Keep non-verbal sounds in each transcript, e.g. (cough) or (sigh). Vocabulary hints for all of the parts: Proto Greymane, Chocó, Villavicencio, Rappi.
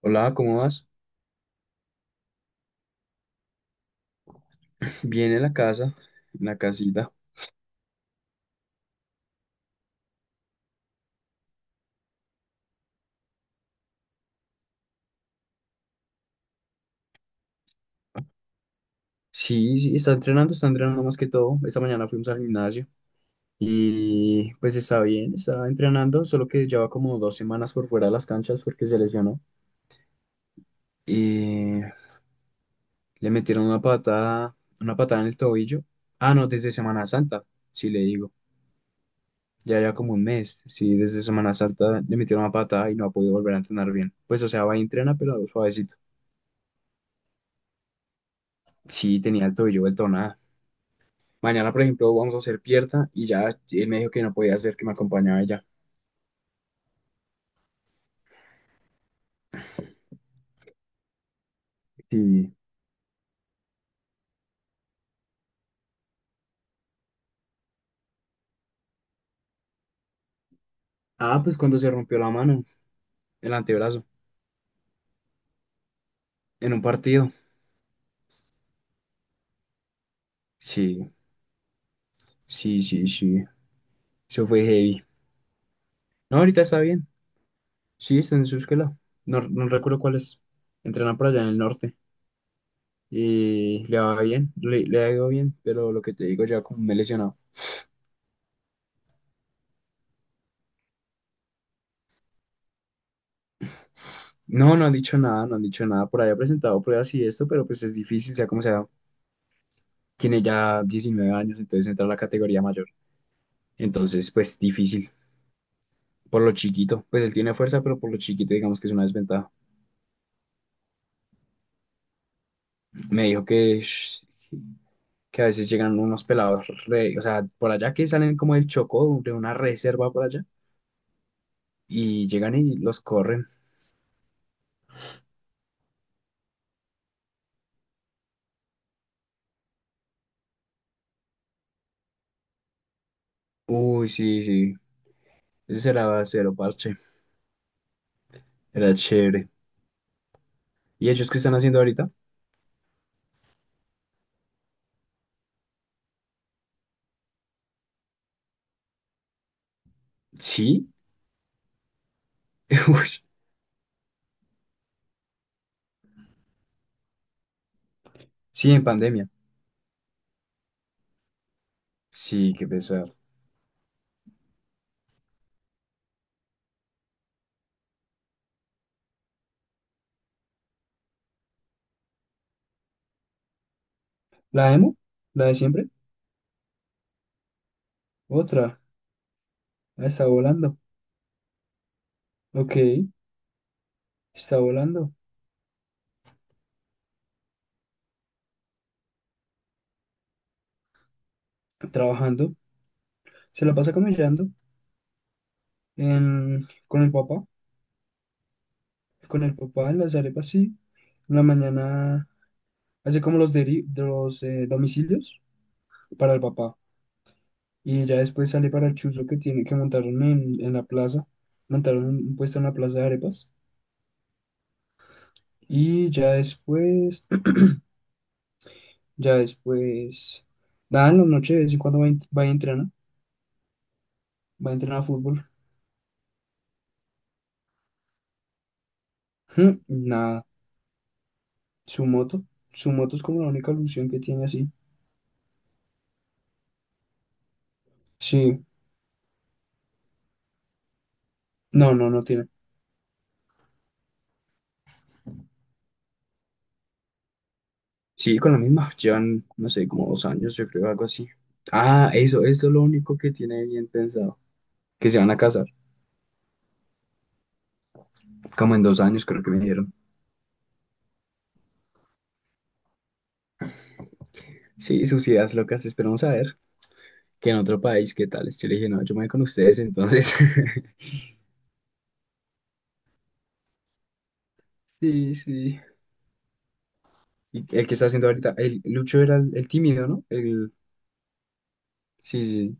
Hola, ¿cómo vas? Bien en la casa, en la casita. Sí, sí, está entrenando más que todo. Esta mañana fuimos al gimnasio y pues está bien, está entrenando, solo que lleva como 2 semanas por fuera de las canchas porque se lesionó. Y le metieron una patada en el tobillo. Ah, no, desde Semana Santa, sí le digo. Ya ya como un mes, sí, desde Semana Santa le metieron una patada y no ha podido volver a entrenar bien. Pues o sea, va y entrena, pero suavecito. Sí, tenía el tobillo vuelto nada. Mañana, por ejemplo, vamos a hacer pierna y ya él me dijo que no podía hacer, que me acompañaba ella. Y... Ah, pues cuando se rompió la mano, el antebrazo, en un partido. Sí, sí, sí, sí. Eso fue heavy. No, ahorita está bien. Sí, está en su escuela. No, no recuerdo cuál es. Entrenan por allá en el norte. Y le va bien, le ha ido bien, pero lo que te digo, ya como me he lesionado. No, no han dicho nada, no han dicho nada. Por ahí ha presentado pruebas y esto, pero pues es difícil, sea como sea. Tiene ya 19 años, entonces entra a la categoría mayor. Entonces, pues difícil. Por lo chiquito, pues él tiene fuerza, pero por lo chiquito, digamos que es una desventaja. Me dijo que, que a veces llegan unos pelados, o sea, por allá que salen como del Chocó, de una reserva por allá, y llegan y los corren. Uy, sí, sí, ese será cero parche, era chévere. ¿Y ellos qué están haciendo ahorita? Sí, (laughs) uy, sí, en pandemia. Sí, qué pesar. ¿La emo? ¿La de siempre? Otra, ahí estando. Ok, no, trabajando, se la pasa camellando. Con el papá, con arepa, sí. En la mañana hace como los, deri- de los domicilios para el papá. Y ya después sale para el chuzo que tiene que montaron en la plaza. Montaron un puesto en la plaza de arepas. Y ya después, (clears throat) ya después, nada, en la noche de vez en cuando va y entrena, va a entrenar a fútbol. (laughs) Ujú, nada, su moto, su moto es como la única ilusión que tiene así. Sí, no, no, no tiene. Sí, con la misma, llevan, no sé, como 2 años, yo creo, algo así. Ah, eso es lo único que tiene bien pensado, que se van a casar, como en 2 años creo que me dijeron. Sí, sus ideas locas, esperamos a ver que en otro país, ¿qué tal? Yo le dije, no, yo me voy con ustedes, entonces. (laughs) Sí, sí. Y el que está haciendo ahorita, el Lucho era el tímido, ¿no? El, sí, sí, sí.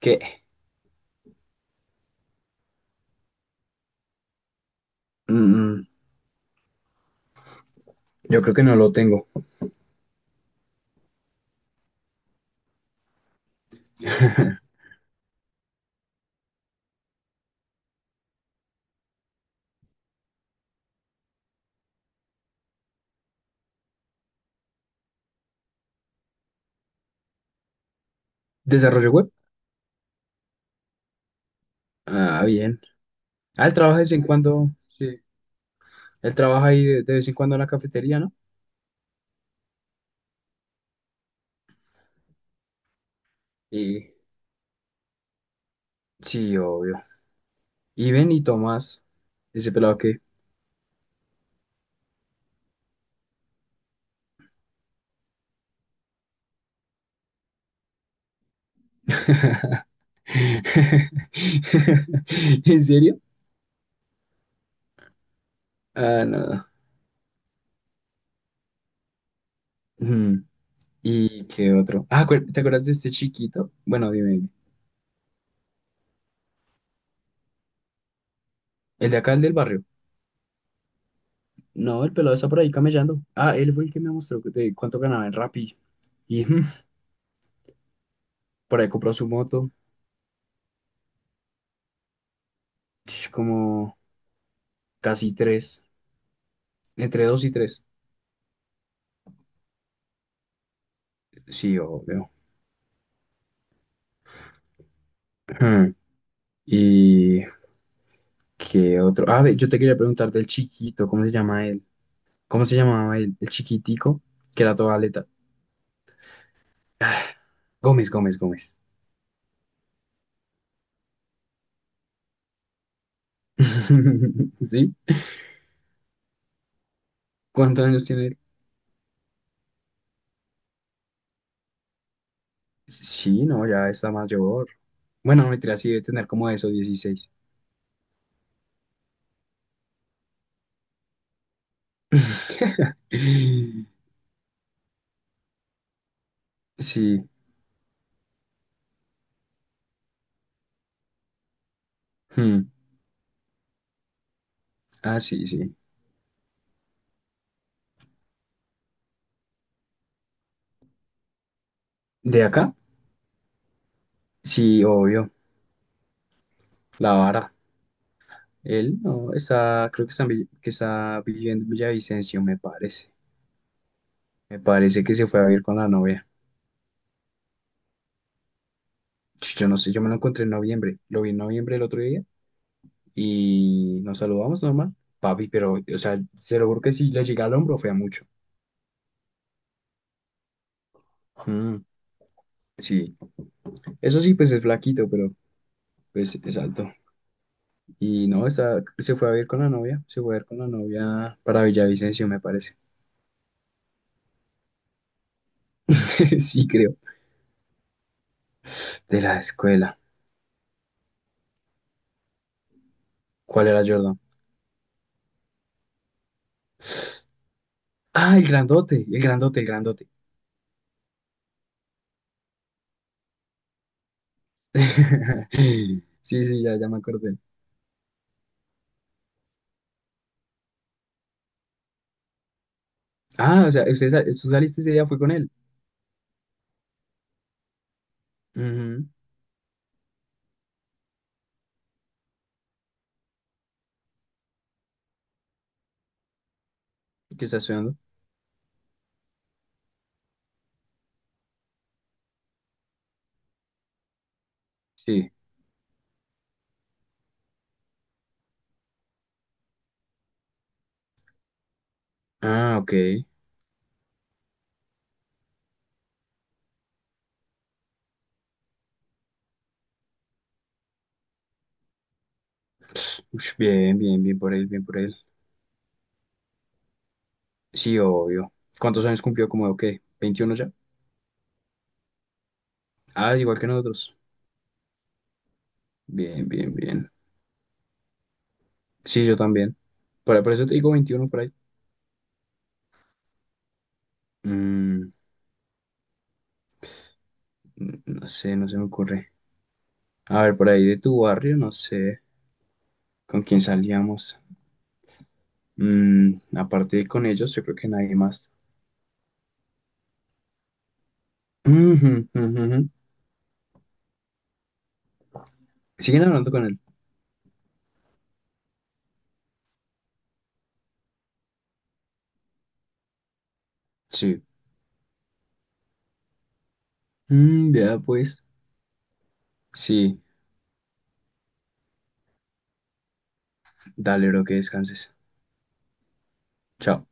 ¿Qué? Mm, mm, yo creo que no lo tengo. (laughs) ¿Desarrollo web? Ah, bien. Ah, él trabaja de vez en cuando, sí. Él trabaja ahí de vez en cuando en la cafetería, ¿no? Y sí, obvio. Y ven y Tomás, ese pelado que. (laughs) ¿En serio? Ah, no. Mm, ¿Y qué otro? Ah, ¿te acuerdas de este chiquito? Bueno, dime, dime. El de acá, el del barrio. No, el pelado está por ahí camellando. Ah, él fue el que me mostró de cuánto ganaba en Rappi. Y por ahí compró su moto. Como casi tres. Entre dos y tres. Sí, obvio. Mm, ¿Y qué otro? Ah, ve, yo te quería preguntar del chiquito, ¿cómo se llama él? ¿Cómo se llamaba el chiquitico? Que era toda aleta. (sighs) Ah, Gómez, Gómez, Gómez. (laughs) ¿Sí? ¿Cuántos años tiene él? Sí, no, ya está mayor. Bueno, no mentira, sí debe tener como eso, 16. (laughs) Sí. Hmm. Ah, sí, sí. ¿De acá? Sí, obvio. La vara. Él no está, creo que está, en que está viviendo en Villavicencio, me parece. Me parece que se fue a vivir con la novia. Yo no sé, yo me lo encontré en noviembre. Lo vi en noviembre el otro día. Y nos saludamos normal. Papi, pero, o sea, se lo juro que si le llega al hombro, fea mucho. Mm. Sí, eso sí, pues es flaquito, pero pues es alto. Y no, está, se fue a ver con la novia, se fue a ver con la novia para Villavicencio, me parece. (laughs) Sí, creo. De la escuela. ¿Cuál era Jordan? Ah, el grandote, el grandote, el grandote. (laughs) Sí, sí, ya, ya me acordé. Ah, o sea, usted, tú saliste ese día, fue con él. Ujú. ¿Qué está estudiando? Sí. Ah, ok. Ush, bien, bien, bien por él, bien por él. Sí, obvio. ¿Cuántos años cumplió? ¿Como qué? ¿21 ya? Ah, igual que nosotros. Bien, bien, bien. Sí, yo también. Por eso te digo 21 por ahí. Mm, no sé, no se me ocurre. A ver, por ahí de tu barrio, no sé con quién salíamos. Aparte de con ellos, yo creo que nadie más. Ujú, ujú, ujú. ¿Siguen hablando con él? Sí. Mm, ya, pues. Sí. Dale, bro, que descanses. Chao.